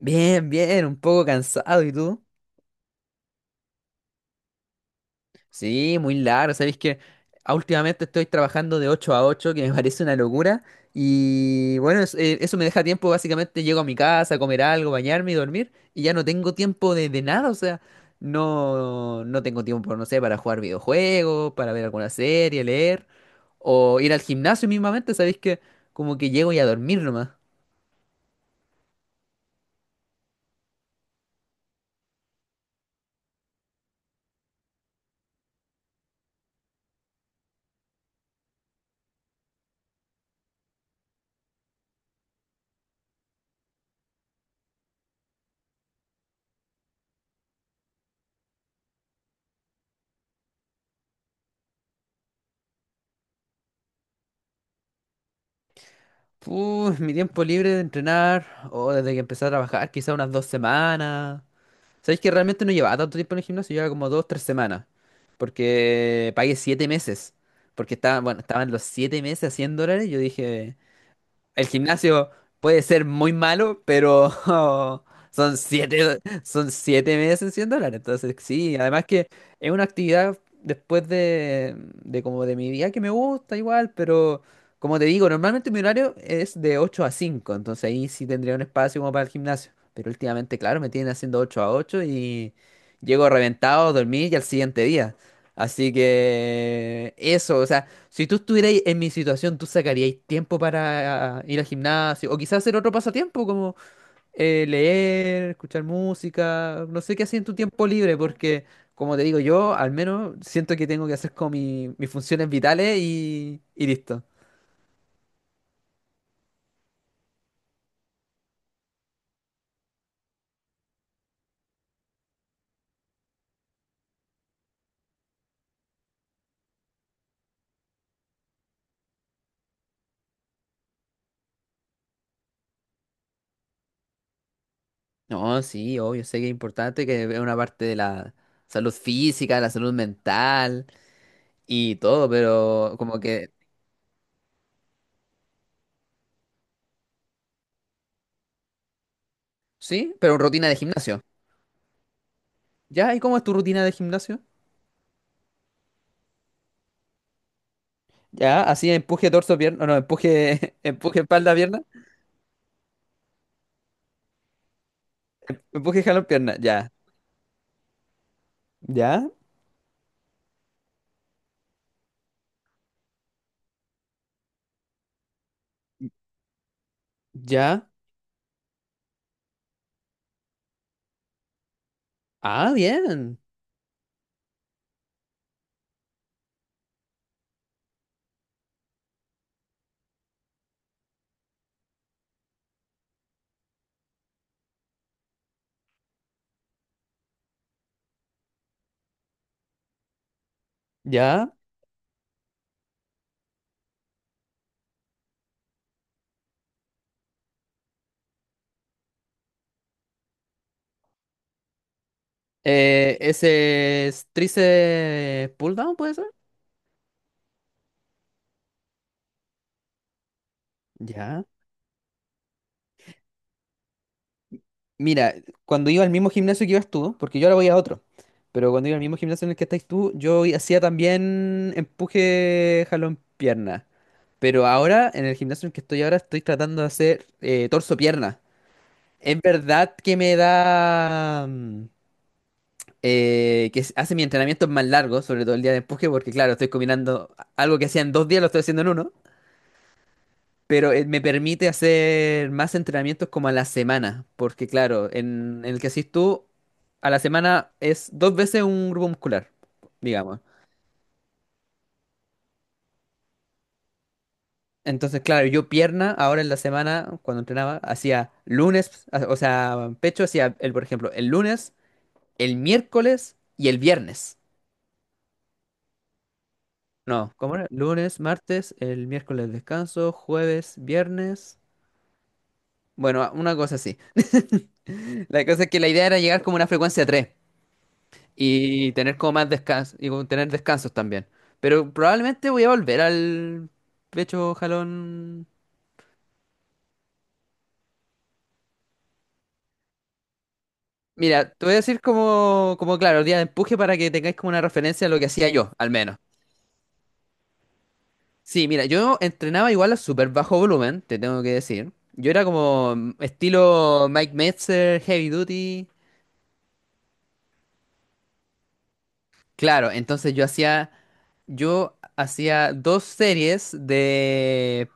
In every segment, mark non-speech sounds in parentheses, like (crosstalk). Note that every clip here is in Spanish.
Bien, bien, un poco cansado, ¿y tú? Sí, muy largo, ¿sabéis que últimamente estoy trabajando de 8 a 8, que me (laughs) parece una locura? Y bueno, eso me deja tiempo. Básicamente llego a mi casa a comer algo, bañarme y dormir, y ya no tengo tiempo de nada. O sea, no, no tengo tiempo, no sé, para jugar videojuegos, para ver alguna serie, leer, o ir al gimnasio mismamente, ¿sabéis que como que llego y a dormir nomás? Puh, mi tiempo libre de entrenar, o desde que empecé a trabajar, quizá unas 2 semanas. Sabéis que realmente no llevaba tanto tiempo en el gimnasio, llevaba como dos, tres semanas. Porque pagué 7 meses. Porque estaba, bueno, estaban los 7 meses a 100 dólares. Yo dije, el gimnasio puede ser muy malo, pero (laughs) son siete meses en 100 dólares. Entonces, sí, además que es una actividad después de como de mi día que me gusta igual, pero como te digo, normalmente mi horario es de 8 a 5, entonces ahí sí tendría un espacio como para el gimnasio. Pero últimamente, claro, me tienen haciendo 8 a 8 y llego reventado, dormí y al siguiente día. Así que eso, o sea, si tú estuvierais en mi situación, ¿tú sacaríais tiempo para ir al gimnasio? O quizás hacer otro pasatiempo, como leer, escuchar música, no sé qué hacía en tu tiempo libre, porque como te digo, yo al menos siento que tengo que hacer como mis funciones vitales y listo. No, sí, obvio, sé que es importante, que es una parte de la salud física, la salud mental y todo, pero como que, sí, pero rutina de gimnasio. ¿Ya? ¿Y cómo es tu rutina de gimnasio? Ya, así empuje torso, pierna, no, empuje, (laughs) empuje espalda, pierna, empuje jalón, pierna, ya, ya, ya, ah, bien, ya, ese es tríceps pull down, ¿puede ser? Ya, mira, cuando iba al mismo gimnasio que ibas tú, porque yo ahora voy a otro, pero cuando iba al mismo gimnasio en el que estáis tú, hacía también empuje jalón, pierna, pero ahora, en el gimnasio en el que estoy ahora, estoy tratando de hacer torso, pierna. Es verdad que me da... hace mis entrenamientos más largos, sobre todo el día de empuje, porque claro, estoy combinando algo que hacía en dos días, lo estoy haciendo en uno, pero me permite hacer más entrenamientos como a la semana, porque claro, en el que haces tú, a la semana es dos veces un grupo muscular, digamos. Entonces, claro, yo pierna, ahora en la semana, cuando entrenaba, hacía lunes, o sea, pecho hacía, por ejemplo, el lunes, el miércoles y el viernes. No, ¿cómo era? Lunes, martes, el miércoles descanso, jueves, viernes. Bueno, una cosa así. (laughs) La cosa es que la idea era llegar como a una frecuencia 3 y tener como más descanso y como tener descansos también. Pero probablemente voy a volver al pecho jalón. Mira, te voy a decir como, claro, día de empuje para que tengáis como una referencia a lo que hacía yo, al menos. Sí, mira, yo entrenaba igual a súper bajo volumen, te tengo que decir. Yo era como estilo Mike Metzer, Heavy Duty. Claro, entonces yo hacía dos series de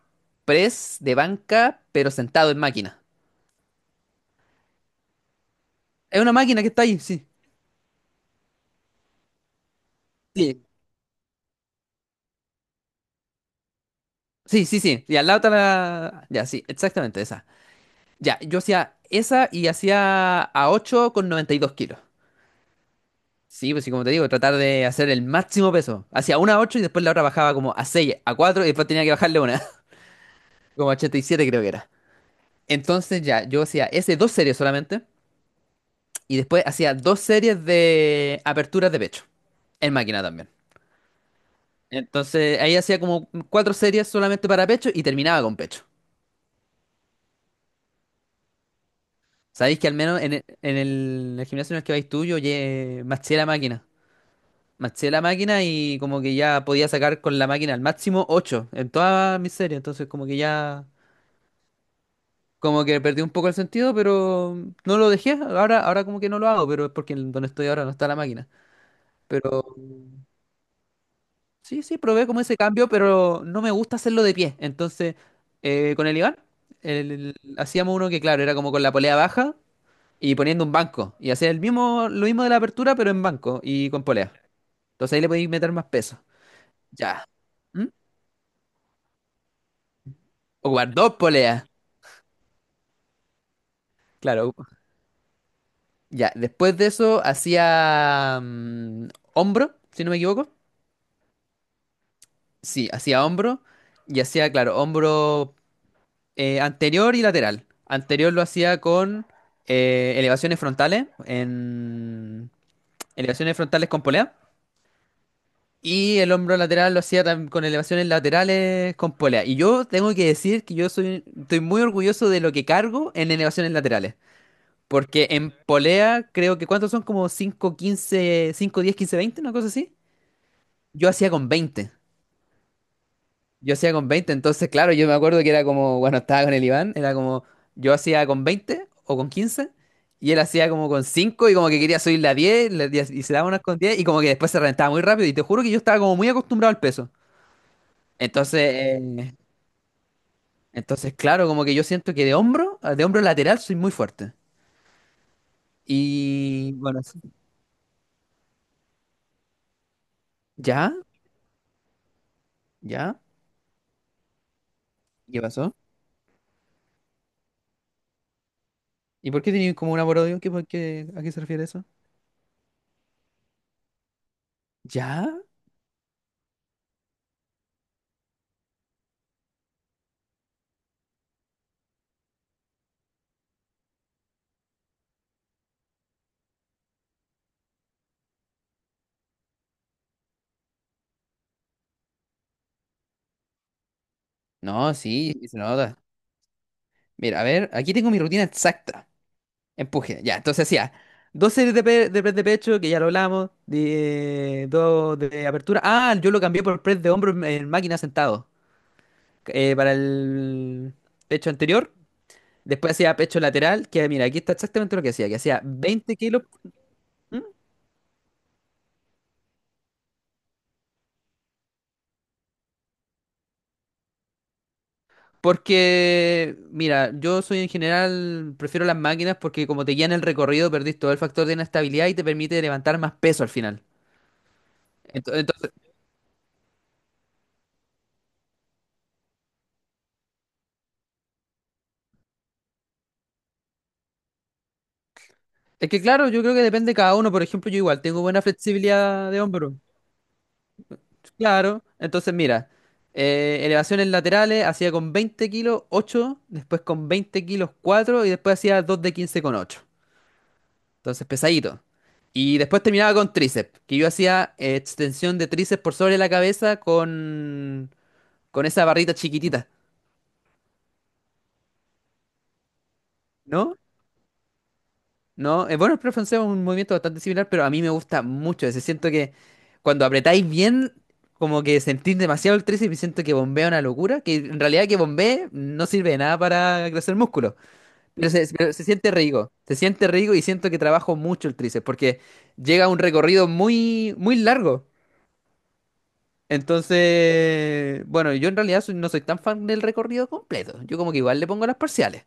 press de banca, pero sentado en máquina. Es una máquina que está ahí, sí. Sí. Sí, sí, sí. Y al lado está la... Ya, sí, exactamente esa. Ya, yo hacía esa y hacía a 8 con 92 kilos. Sí, pues sí, como te digo, tratar de hacer el máximo peso. Hacía una a 8 y después la otra bajaba como a 6, a 4 y después tenía que bajarle una. (laughs) Como a 87 creo que era. Entonces ya, yo hacía ese dos series solamente. Y después hacía dos series de aperturas de pecho. En máquina también. Entonces ahí hacía como cuatro series solamente para pecho y terminaba con pecho. Sabéis que al menos en el gimnasio en el que vais tú, maché la máquina. Maché la máquina y como que ya podía sacar con la máquina al máximo ocho en todas mis series. Entonces como que ya, como que perdí un poco el sentido, pero no lo dejé. Ahora como que no lo hago, pero es porque en donde estoy ahora no está la máquina. Pero Sí, sí, probé como ese cambio, pero no me gusta hacerlo de pie. Entonces, con el Iván, hacíamos uno que, claro, era como con la polea baja y poniendo un banco. Y hacía el mismo, lo mismo de la apertura, pero en banco y con polea. Entonces ahí le podéis meter más peso. Ya. ¿Mm? Ocupar dos poleas. Claro. Ya. Después de eso, hacía hombro, si no me equivoco. Sí, hacía hombro. Y hacía, claro, hombro anterior y lateral. Anterior lo hacía con eh, elevaciones frontales, en elevaciones frontales con polea. Y el hombro lateral lo hacía con elevaciones laterales con polea. Y yo tengo que decir que estoy muy orgulloso de lo que cargo en elevaciones laterales. Porque en polea creo que, ¿cuántos son? Como 5 15, 5 10 15 20, una cosa así. Yo hacía con 20 Yo hacía con 20 entonces, claro, yo me acuerdo que era como, bueno, estaba con el Iván, era como, yo hacía con 20 o con 15 y él hacía como con 5 y como que quería subirle a 10 y se daba unas con 10 y como que después se reventaba muy rápido, y te juro que yo estaba como muy acostumbrado al peso. Entonces, eh, entonces, claro, como que yo siento que de hombro lateral soy muy fuerte. Y bueno, sí. ¿Ya? ¿Ya? ¿Qué pasó? ¿Y por qué tenía como un amor-odio? ¿A qué se refiere eso? ¿Ya? No, sí, sí se nota. Mira, a ver, aquí tengo mi rutina exacta. Empuje, ya, entonces hacía dos series de press de pecho, que ya lo hablamos, dos de apertura. Ah, yo lo cambié por press de hombro en máquina sentado, para el pecho anterior. Después hacía pecho lateral, que mira, aquí está exactamente lo que hacía 20 kilos. ¿Mm? Porque, mira, yo soy en general, prefiero las máquinas porque como te guían el recorrido, perdís todo el factor de inestabilidad y te permite levantar más peso al final. Entonces, es que claro, yo creo que depende de cada uno. Por ejemplo, yo igual tengo buena flexibilidad de hombro. Claro. Entonces, mira, elevaciones laterales hacía con 20 kilos 8, después con 20 kilos 4 y después hacía 2 de 15 con 8. Entonces, pesadito. Y después terminaba con tríceps, que yo hacía extensión de tríceps por sobre la cabeza con esa barrita chiquitita, ¿no? No, bueno, el pre francés es un movimiento bastante similar, pero a mí me gusta mucho ese. Siento que cuando apretáis bien, como que sentís demasiado el tríceps y siento que bombea una locura, que en realidad que bombee no sirve de nada para crecer músculo, pero se siente rico y siento que trabajo mucho el tríceps porque llega a un recorrido muy, muy largo. Entonces, bueno, yo en realidad no soy tan fan del recorrido completo, yo como que igual le pongo las parciales.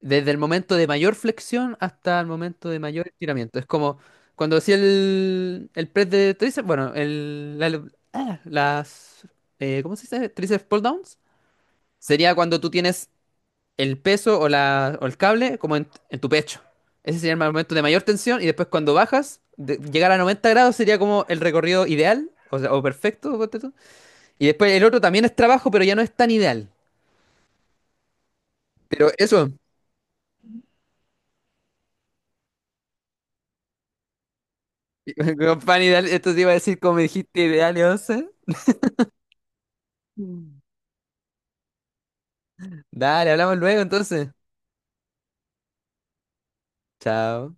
Desde el momento de mayor flexión hasta el momento de mayor estiramiento. Es como cuando hacía el press de tríceps, bueno, ah, ¿cómo se dice? Tríceps pull downs. Sería cuando tú tienes el peso o el cable como en tu pecho. Ese sería el momento de mayor tensión y después cuando bajas, llegar a 90 grados sería como el recorrido ideal, o sea, o perfecto. Ponte tú. Y después el otro también es trabajo, pero ya no es tan ideal. Pero eso, (laughs) pan ideal, esto te iba a decir como me dijiste ideal. Mm. Dale, hablamos luego entonces. Chao.